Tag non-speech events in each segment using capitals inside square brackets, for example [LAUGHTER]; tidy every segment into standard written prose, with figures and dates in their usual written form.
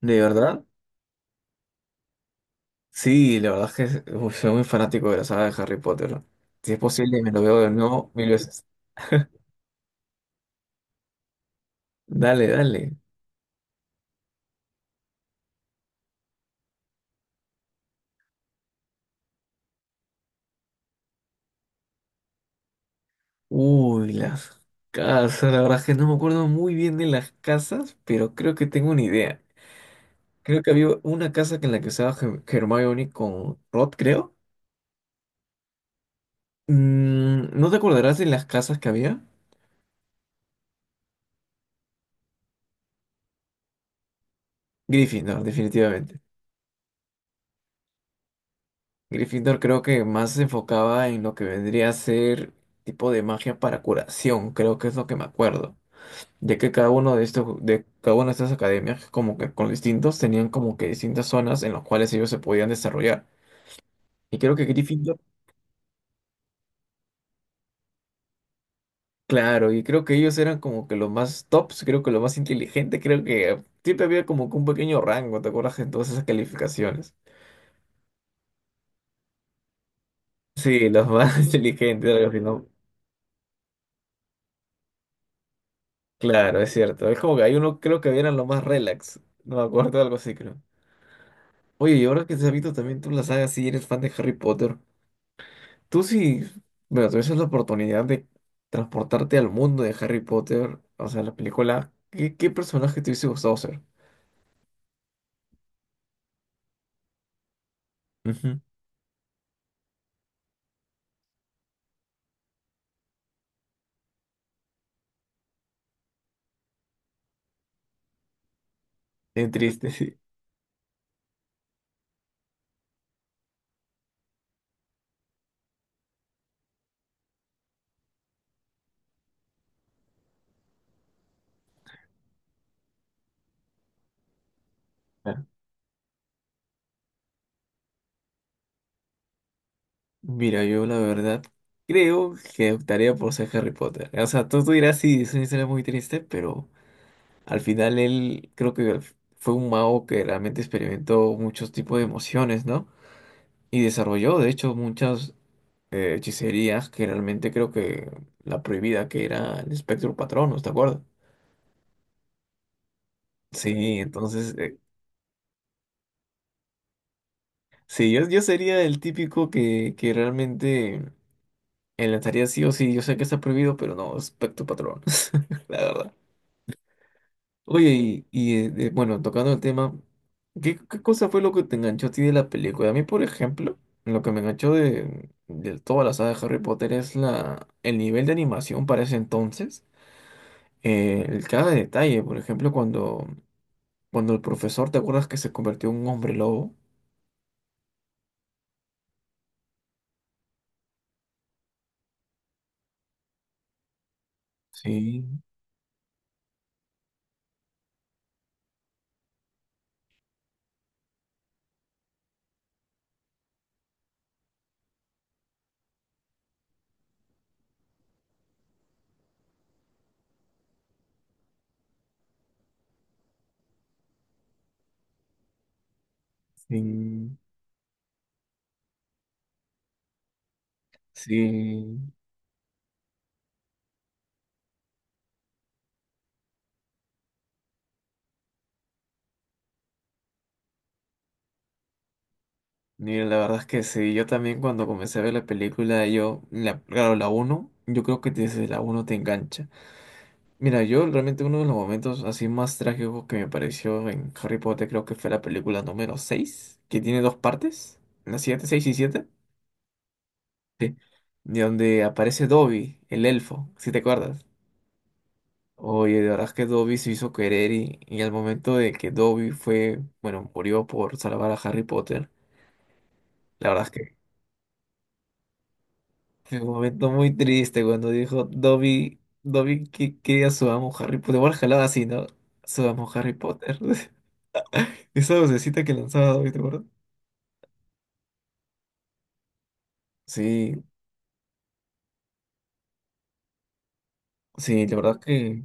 ¿De verdad? Sí, la verdad es que uf, soy muy fanático de la saga de Harry Potter. Si es posible, me lo veo de nuevo mil veces. Dale, dale. Uy, las casas. La verdad es que no me acuerdo muy bien de las casas, pero creo que tengo una idea. Creo que había una casa en la que usaba Hermione con Rod, creo. ¿No te acordarás de las casas que había? Gryffindor, definitivamente. Gryffindor creo que más se enfocaba en lo que vendría a ser tipo de magia para curación. Creo que es lo que me acuerdo, ya que cada uno de estos, de cada una de estas academias, como que con distintos, tenían como que distintas zonas en las cuales ellos se podían desarrollar. Y creo que Gryffindor, claro, y creo que ellos eran como que los más tops, creo que los más inteligentes, creo que siempre había como que un pequeño rango, ¿te acuerdas? En todas esas calificacionnes. Sí, los más [LAUGHS] inteligentes, algo así, ¿no? Claro, es cierto. Es como que hay uno, creo que eran los más relax, no me acuerdo, algo así, creo. Oye, y ahora que te has visto también tú la saga, sí, eres fan de Harry Potter. Tú sí, bueno, tuvieses la oportunidad de transportarte al mundo de Harry Potter, o sea, la película, ¿qué personaje te hubiese gustado ser? Ujú. Es triste, sí. Ah. Mira, yo la verdad creo que optaría por ser Harry Potter. O sea, tú dirás, sí, es una historia muy triste, pero al final él creo que fue un mago que realmente experimentó muchos tipos de emociones, ¿no? Y desarrolló, de hecho, muchas hechicerías que realmente creo que la prohibida que era el espectro Patronus, ¿te acuerdas? Sí, entonces, sí, yo sería el típico que, realmente enlazaría sí o sí. Yo sé que está prohibido, pero no, es pecto patrón, [LAUGHS] la verdad. Oye, bueno, tocando el tema, ¿qué cosa fue lo que te enganchó a ti de la película? A mí, por ejemplo, lo que me enganchó de, toda la saga de Harry Potter es el nivel de animación para ese entonces. Cada detalle, por ejemplo, cuando el profesor, ¿te acuerdas que se convirtió en un hombre lobo? Sí, sí. Sí, mira la verdad es que sí, yo también cuando comencé a ver la película, claro, la uno yo creo que desde la uno te engancha. Mira, yo realmente uno de los momentos así más trágicos que me pareció en Harry Potter creo que fue la película número 6 que tiene dos partes, las 7 6 y siete, sí, de donde aparece Dobby, el elfo, si te acuerdas. Oye, de verdad es que Dobby se hizo querer y, al momento de que Dobby fue, bueno, murió por salvar a Harry Potter. La verdad es que fue un momento muy triste cuando dijo Dobby, Dobby que quería su amo Harry Potter. Igual jalaba así, ¿no? Su amo Harry Potter. [LAUGHS] Esa vocecita que lanzaba Dobby, ¿te acuerdas? Sí, sí, la verdad que...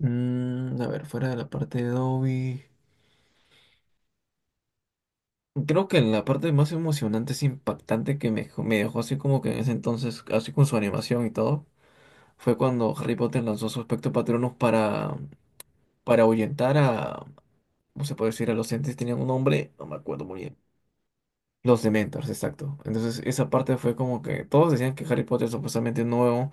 a ver, fuera de la parte de Dobby... Creo que la parte más emocionante, es impactante que me dejó así como que en ese entonces, así con su animación y todo, fue cuando Harry Potter lanzó su espectro patronus para ahuyentar a, ¿cómo se puede decir? A los entes, tenían un nombre, no me acuerdo muy bien. Los Dementors, exacto. Entonces, esa parte fue como que todos decían que Harry Potter supuestamente no,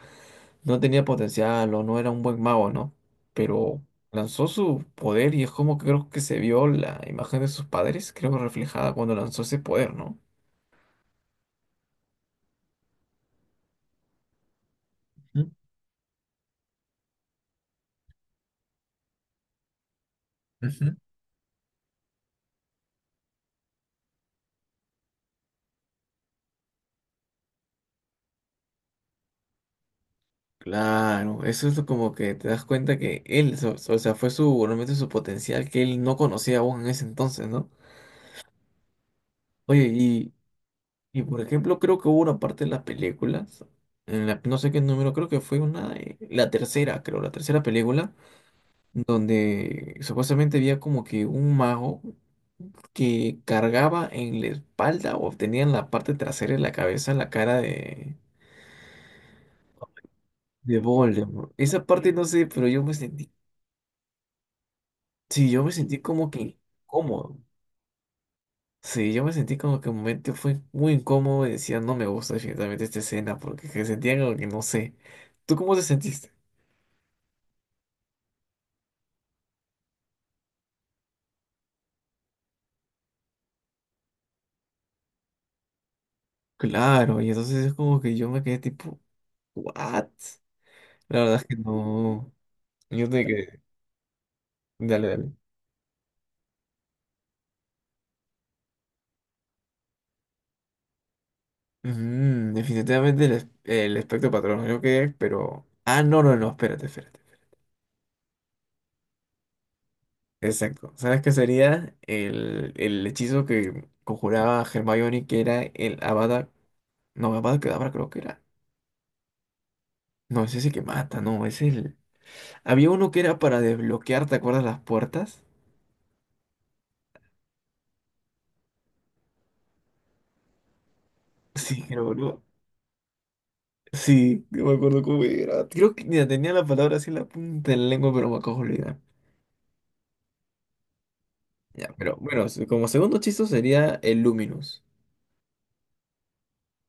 no tenía potencial o no era un buen mago, ¿no? Pero lanzó su poder y es como que creo que se vio la imagen de sus padres, creo que reflejada cuando lanzó ese poder, ¿no? Ujú, ujú. Claro, eso es lo como que te das cuenta que él, o sea, fue realmente su potencial que él no conocía aún en ese entonces, ¿no? Oye, y por ejemplo, creo que hubo una parte de las películas, no sé qué número, creo que fue una, la tercera, creo, la tercera película, donde supuestamente había como que un mago que cargaba en la espalda o tenía en la parte trasera de la cabeza la cara de, Voldemort. Esa parte no sé, pero yo me sentí, sí, yo me sentí como que incómodo. Sí, yo me sentí como que un momento fue muy incómodo y decía, no me gusta definitivamente esta escena, porque que sentía como que no sé. ¿Tú cómo te sentiste? Claro, y entonces es como que yo me quedé tipo, ¿what? La verdad es que no. Yo tenía que. Dale, dale. Ujú, definitivamente el espectro patrón, yo quedé, pero. Ah, no, no, no, espérate, espérate. Exacto. ¿Sabes qué sería? El hechizo que conjuraba Hermione, que era el Avada. No, Avada Kedavra creo que era. No, es ese que mata, no, es el. Había uno que era para desbloquear, ¿te acuerdas las puertas? [LAUGHS] Sí, creo, sí, no me acuerdo cómo era. Creo que mira, tenía la palabra así en la punta de la lengua, pero me acabo de olvidar. Ya, pero bueno, como segundo chiste sería el Luminous.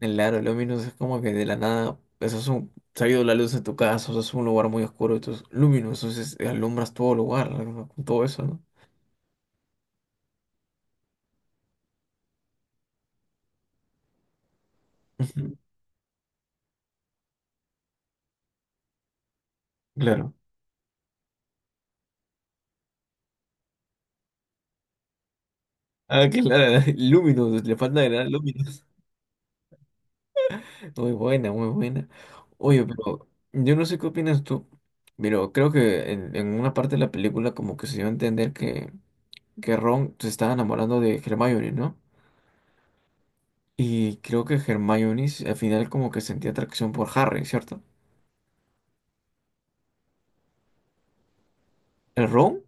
El aro Luminous es como que de la nada, eso es un, se ha ido la luz en tu casa, eso es un lugar muy oscuro, entonces Luminous, entonces alumbras todo lugar, ¿no? Con todo eso, ¿no? Ujú, claro. Ah, que claro, [LAUGHS] Luminous, le falta agregar Luminous. [LAUGHS] Muy buena, muy buena. Oye, pero yo no sé qué opinas tú, pero creo que en una parte de la película como que se dio a entender que Ron se estaba enamorando de Hermione, ¿no? Y creo que Hermione al final como que sentía atracción por Harry, ¿cierto? ¿El Ron?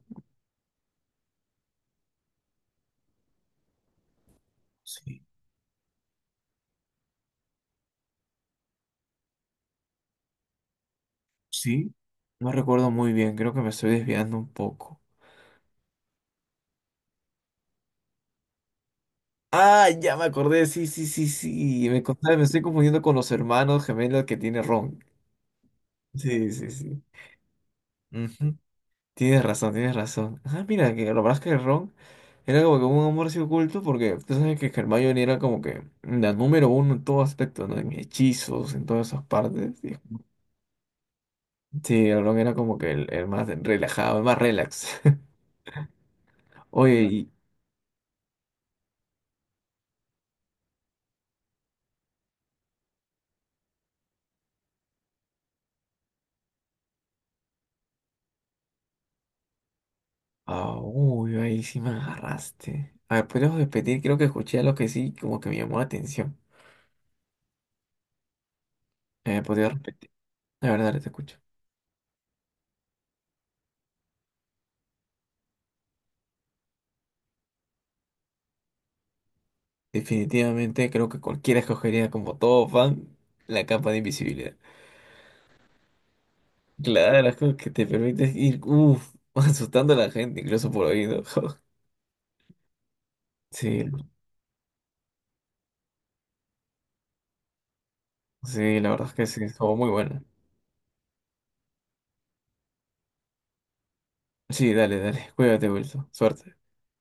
Sí, sí. No recuerdo muy bien, creo que me estoy desviando un poco. Ah, ya me acordé, sí, sí, sí, sí. Me estoy confundiendo con los hermanos gemelos que tiene Ron. Sí, sí, sí. Ujú. Tienes razón, tienes razón. Ah, mira, que lo verdad es que Ron era como que un amor así oculto, porque tú sabes que Hermione era como que la número uno en todo aspecto, ¿no? En hechizos, en todas esas partes. Sí, el Ron era como que el más relajado, el más relax. [LAUGHS] Oye, claro. Ah, uy, ahí sí me agarraste. A ver, ¿podrías repetir? Creo que escuché algo que sí, como que me llamó la atención. ¿Podrías repetir? La verdad, dale, te escucho. Definitivamente creo que cualquiera escogería como todo fan la capa de invisibilidad. Claro, las cosas que te permiten ir, uff, [LAUGHS] asustando a la gente, incluso por oído. [LAUGHS] Sí, sí, la verdad es que sí, estuvo muy buena. Sí, dale, dale, cuídate, Wilson, suerte.